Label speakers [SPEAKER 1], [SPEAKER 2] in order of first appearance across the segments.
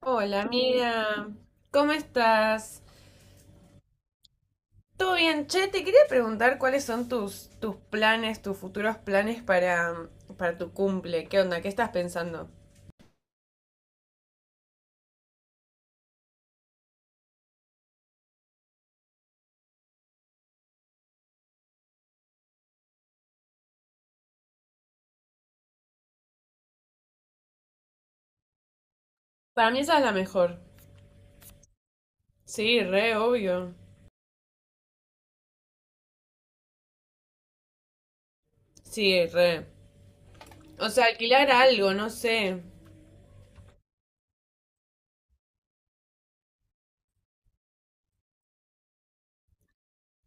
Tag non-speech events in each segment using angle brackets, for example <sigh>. [SPEAKER 1] Hola amiga, ¿cómo estás? ¿Todo bien? Che, te quería preguntar cuáles son tus planes, tus futuros planes para tu cumple. ¿Qué onda? ¿Qué estás pensando? Para mí esa es la mejor. Sí, re, obvio. Sí, re. O sea, alquilar algo, no sé.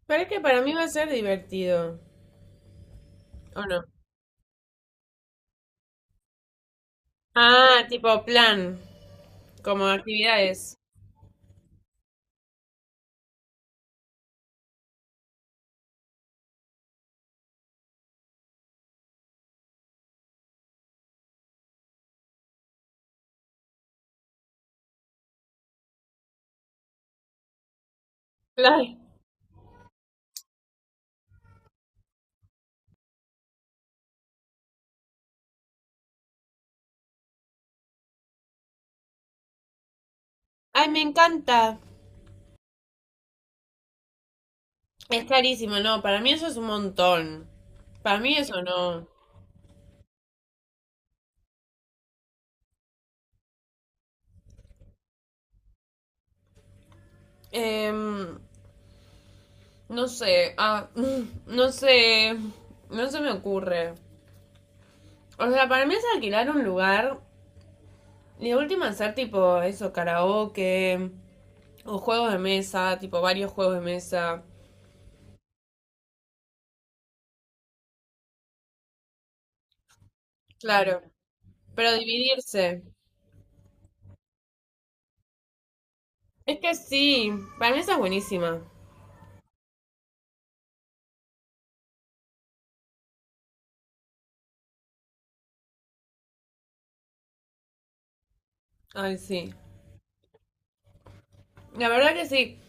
[SPEAKER 1] Pero es que para mí va a ser divertido. ¿O no? Ah, tipo plan, como actividades. Claro. Ay, me encanta. Es carísimo, no, para mí eso es un montón. Para mí eso no. Em, no sé, ah, <laughs> no sé, no se me ocurre. O sea, para mí es alquilar un lugar y de última hacer tipo eso, karaoke o juegos de mesa, tipo varios juegos de mesa. Claro, pero dividirse. Es que sí, para mí esa es buenísima. Ay, sí. La verdad que sí.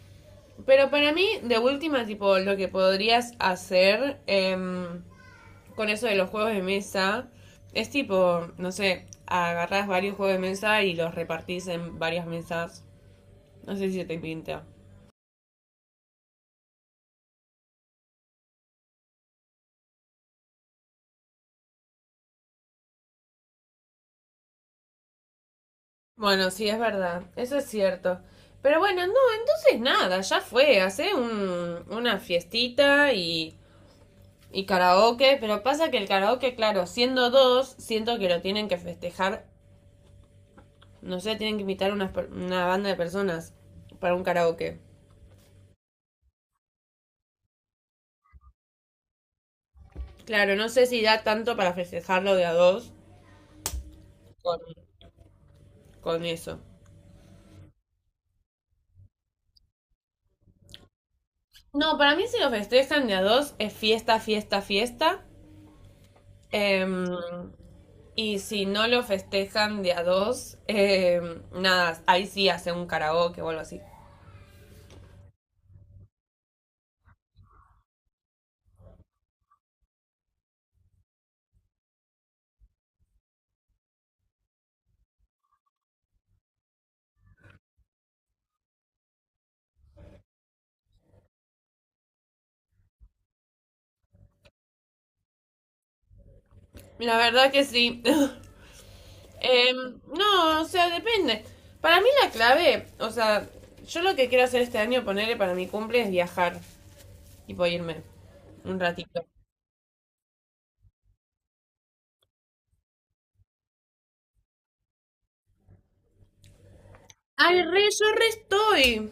[SPEAKER 1] Pero para mí, de última, tipo, lo que podrías hacer, con eso de los juegos de mesa, es tipo, no sé, agarrás varios juegos de mesa y los repartís en varias mesas. No sé si se te pinta. Bueno, sí, es verdad, eso es cierto. Pero bueno, no, entonces nada, ya fue, hace una fiestita y karaoke, pero pasa que el karaoke, claro, siendo dos, siento que lo tienen que festejar, no sé, tienen que invitar una banda de personas para un karaoke. Claro, no sé si da tanto para festejarlo de a dos con, con eso. No, para mí si lo festejan de a dos es fiesta, fiesta, fiesta. Em, y si no lo festejan de a dos, nada, ahí sí hace un karaoke o algo así. La verdad que sí. <laughs> No, o sea, depende. Para mí la clave, o sea, yo lo que quiero hacer este año, ponerle para mi cumple, es viajar. Tipo, irme un ratito. Ay, re, yo re estoy.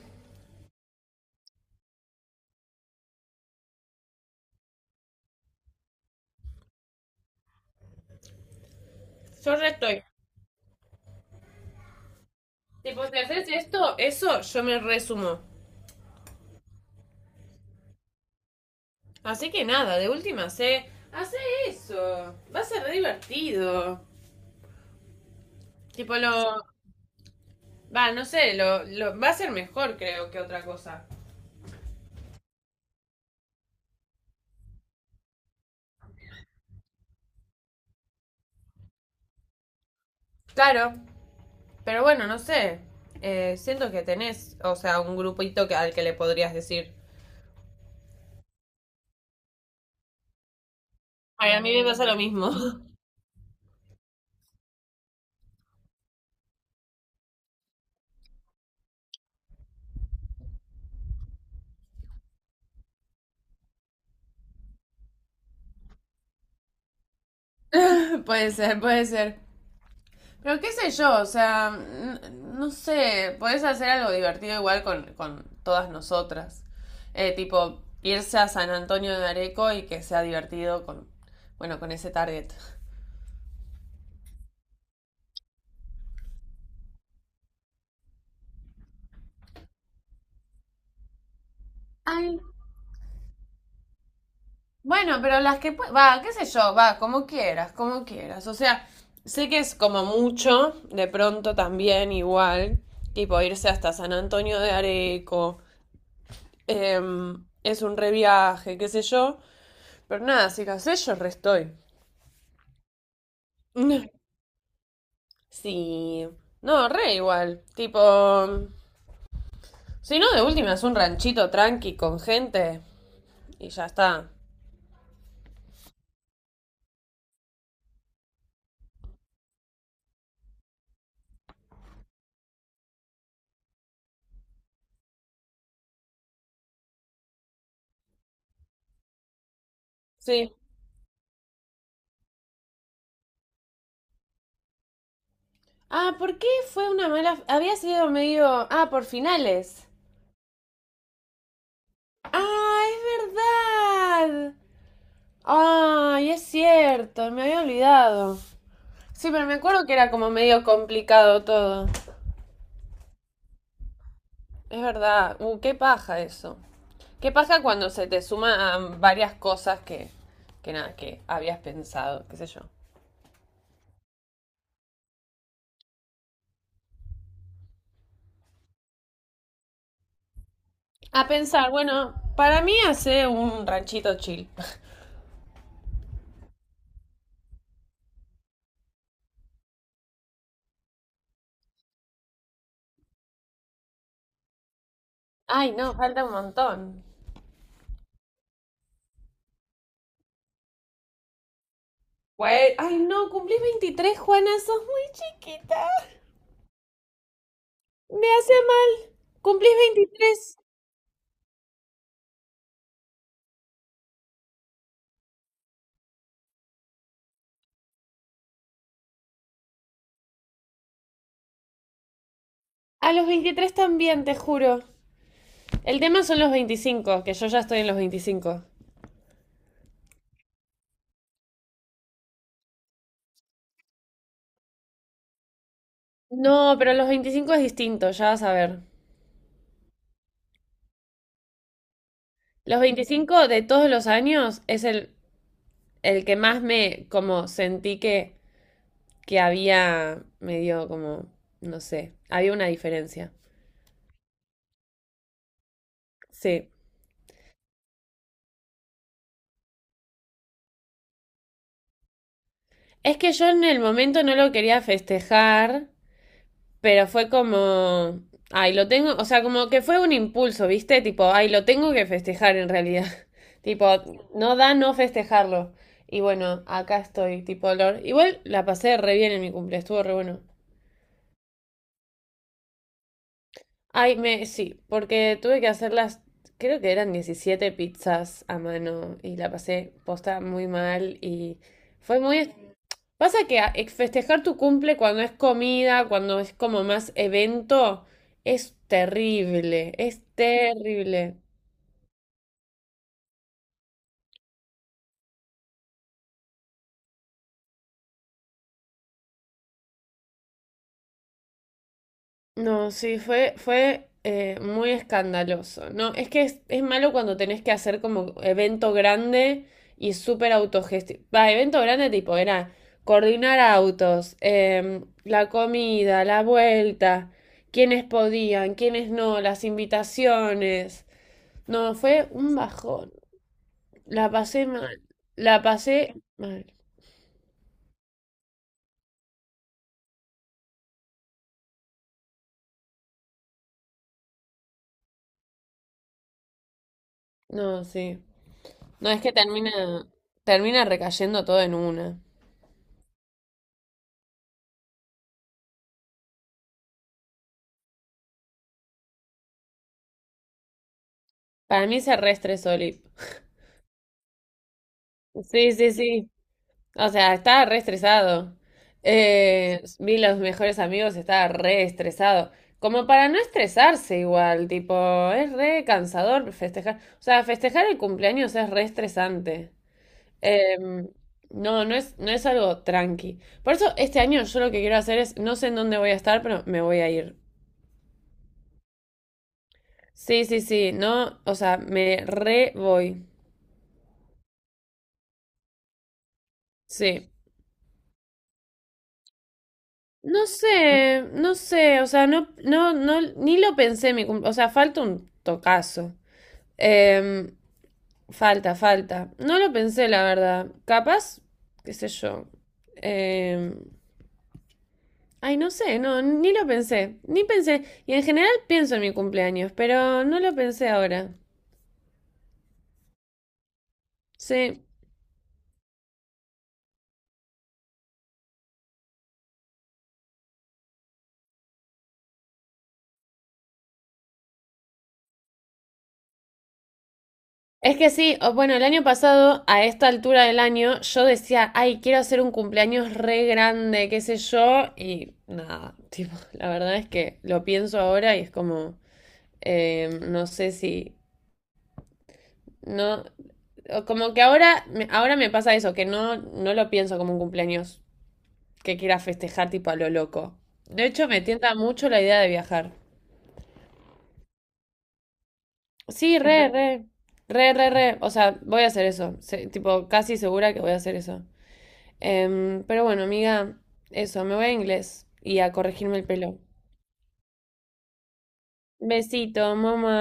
[SPEAKER 1] Yo re estoy. Tipo, si haces esto, eso, yo me resumo. Así que nada, de última sé. Hace eso. Va a ser re divertido. Tipo lo. Va, no sé, va a ser mejor creo que otra cosa. Claro, pero bueno, no sé. Siento que tenés, o sea, un grupito que, al que le podrías decir. Ay, a mí me pasa lo mismo. <laughs> Puede ser, puede ser. Pero qué sé yo, o sea, no sé, podés hacer algo divertido igual con todas nosotras. Tipo, irse a San Antonio de Areco y que sea divertido con, bueno, con ese target. Ay, bueno, pero las que, va, qué sé yo, va, como quieras, como quieras. O sea, sé que es como mucho, de pronto también igual, tipo irse hasta San Antonio de Areco, es un reviaje, qué sé yo, pero nada, si qué sé yo, restoy. <laughs> Sí. No, re igual. Tipo, si no, de última es un ranchito tranqui con gente y ya está. Sí. Ah, ¿por qué fue una mala? Había sido medio. Ah, por finales. Ah, es verdad. Ay, es cierto, me había olvidado. Sí, pero me acuerdo que era como medio complicado todo. Es verdad. Qué paja eso. Qué paja cuando se te suman varias cosas que nada, que habías pensado, qué sé yo. A pensar, bueno, para mí hace un ranchito chill. Ay, no, falta un montón. Güey, ay, no, cumplís 23, Juana, sos muy chiquita. Me hace mal. Cumplís 23. A los 23 también, te juro. El tema son los 25, que yo ya estoy en los 25. No, pero los 25 es distinto, ya vas a ver. Los 25 de todos los años es el que más me como sentí que había medio como, no sé, había una diferencia. Sí. Es que yo en el momento no lo quería festejar, pero fue como, ay, lo tengo, o sea, como que fue un impulso, ¿viste? Tipo, ay, lo tengo que festejar en realidad. <laughs> Tipo, no da no festejarlo. Y bueno, acá estoy, tipo, igual la pasé re bien en mi cumple, estuvo re bueno. Ay, me, sí, porque tuve que hacer las, creo que eran 17 pizzas a mano y la pasé posta muy mal y fue muy. Pasa que festejar tu cumple cuando es comida, cuando es como más evento, es terrible, es terrible. No, sí, fue muy escandaloso. No, es que es malo cuando tenés que hacer como evento grande y súper autogestivo. Va, evento grande tipo era coordinar autos, la comida, la vuelta, quiénes podían, quiénes no, las invitaciones. No, fue un bajón. La pasé mal. La pasé mal. No, sí. No, es que termina recayendo todo en una. Para mí se reestresó. Sí, sí, sí. O sea, estaba re estresado. Vi los mejores amigos, estaba re estresado. Como para no estresarse igual, tipo, es re cansador festejar. O sea, festejar el cumpleaños es re estresante. Em, no, no es algo tranqui. Por eso este año yo lo que quiero hacer es, no sé en dónde voy a estar, pero me voy a ir. Sí, sí, sí, no, o sea, me re voy. Sí. No sé, no sé, o sea, no, no, no, ni lo pensé mi o sea, falta un tocazo. Em, falta, falta. No lo pensé, la verdad. Capaz, qué sé yo. Em, ay, no sé, no, ni lo pensé, ni pensé. Y en general pienso en mi cumpleaños, pero no lo pensé ahora. Sí. Es que sí, bueno, el año pasado, a esta altura del año, yo decía, ay, quiero hacer un cumpleaños re grande, qué sé yo, y nada, tipo, <laughs> la verdad es que lo pienso ahora y es como, no sé si, no, o como que ahora, ahora me pasa eso, que no, no lo pienso como un cumpleaños que quiera festejar tipo a lo loco. De hecho, me tienta mucho la idea de viajar. Sí, re, re, re, re, re, o sea, voy a hacer eso, tipo, casi segura que voy a hacer eso. Pero bueno, amiga, eso, me voy a inglés y a corregirme el pelo. Besito, mamá.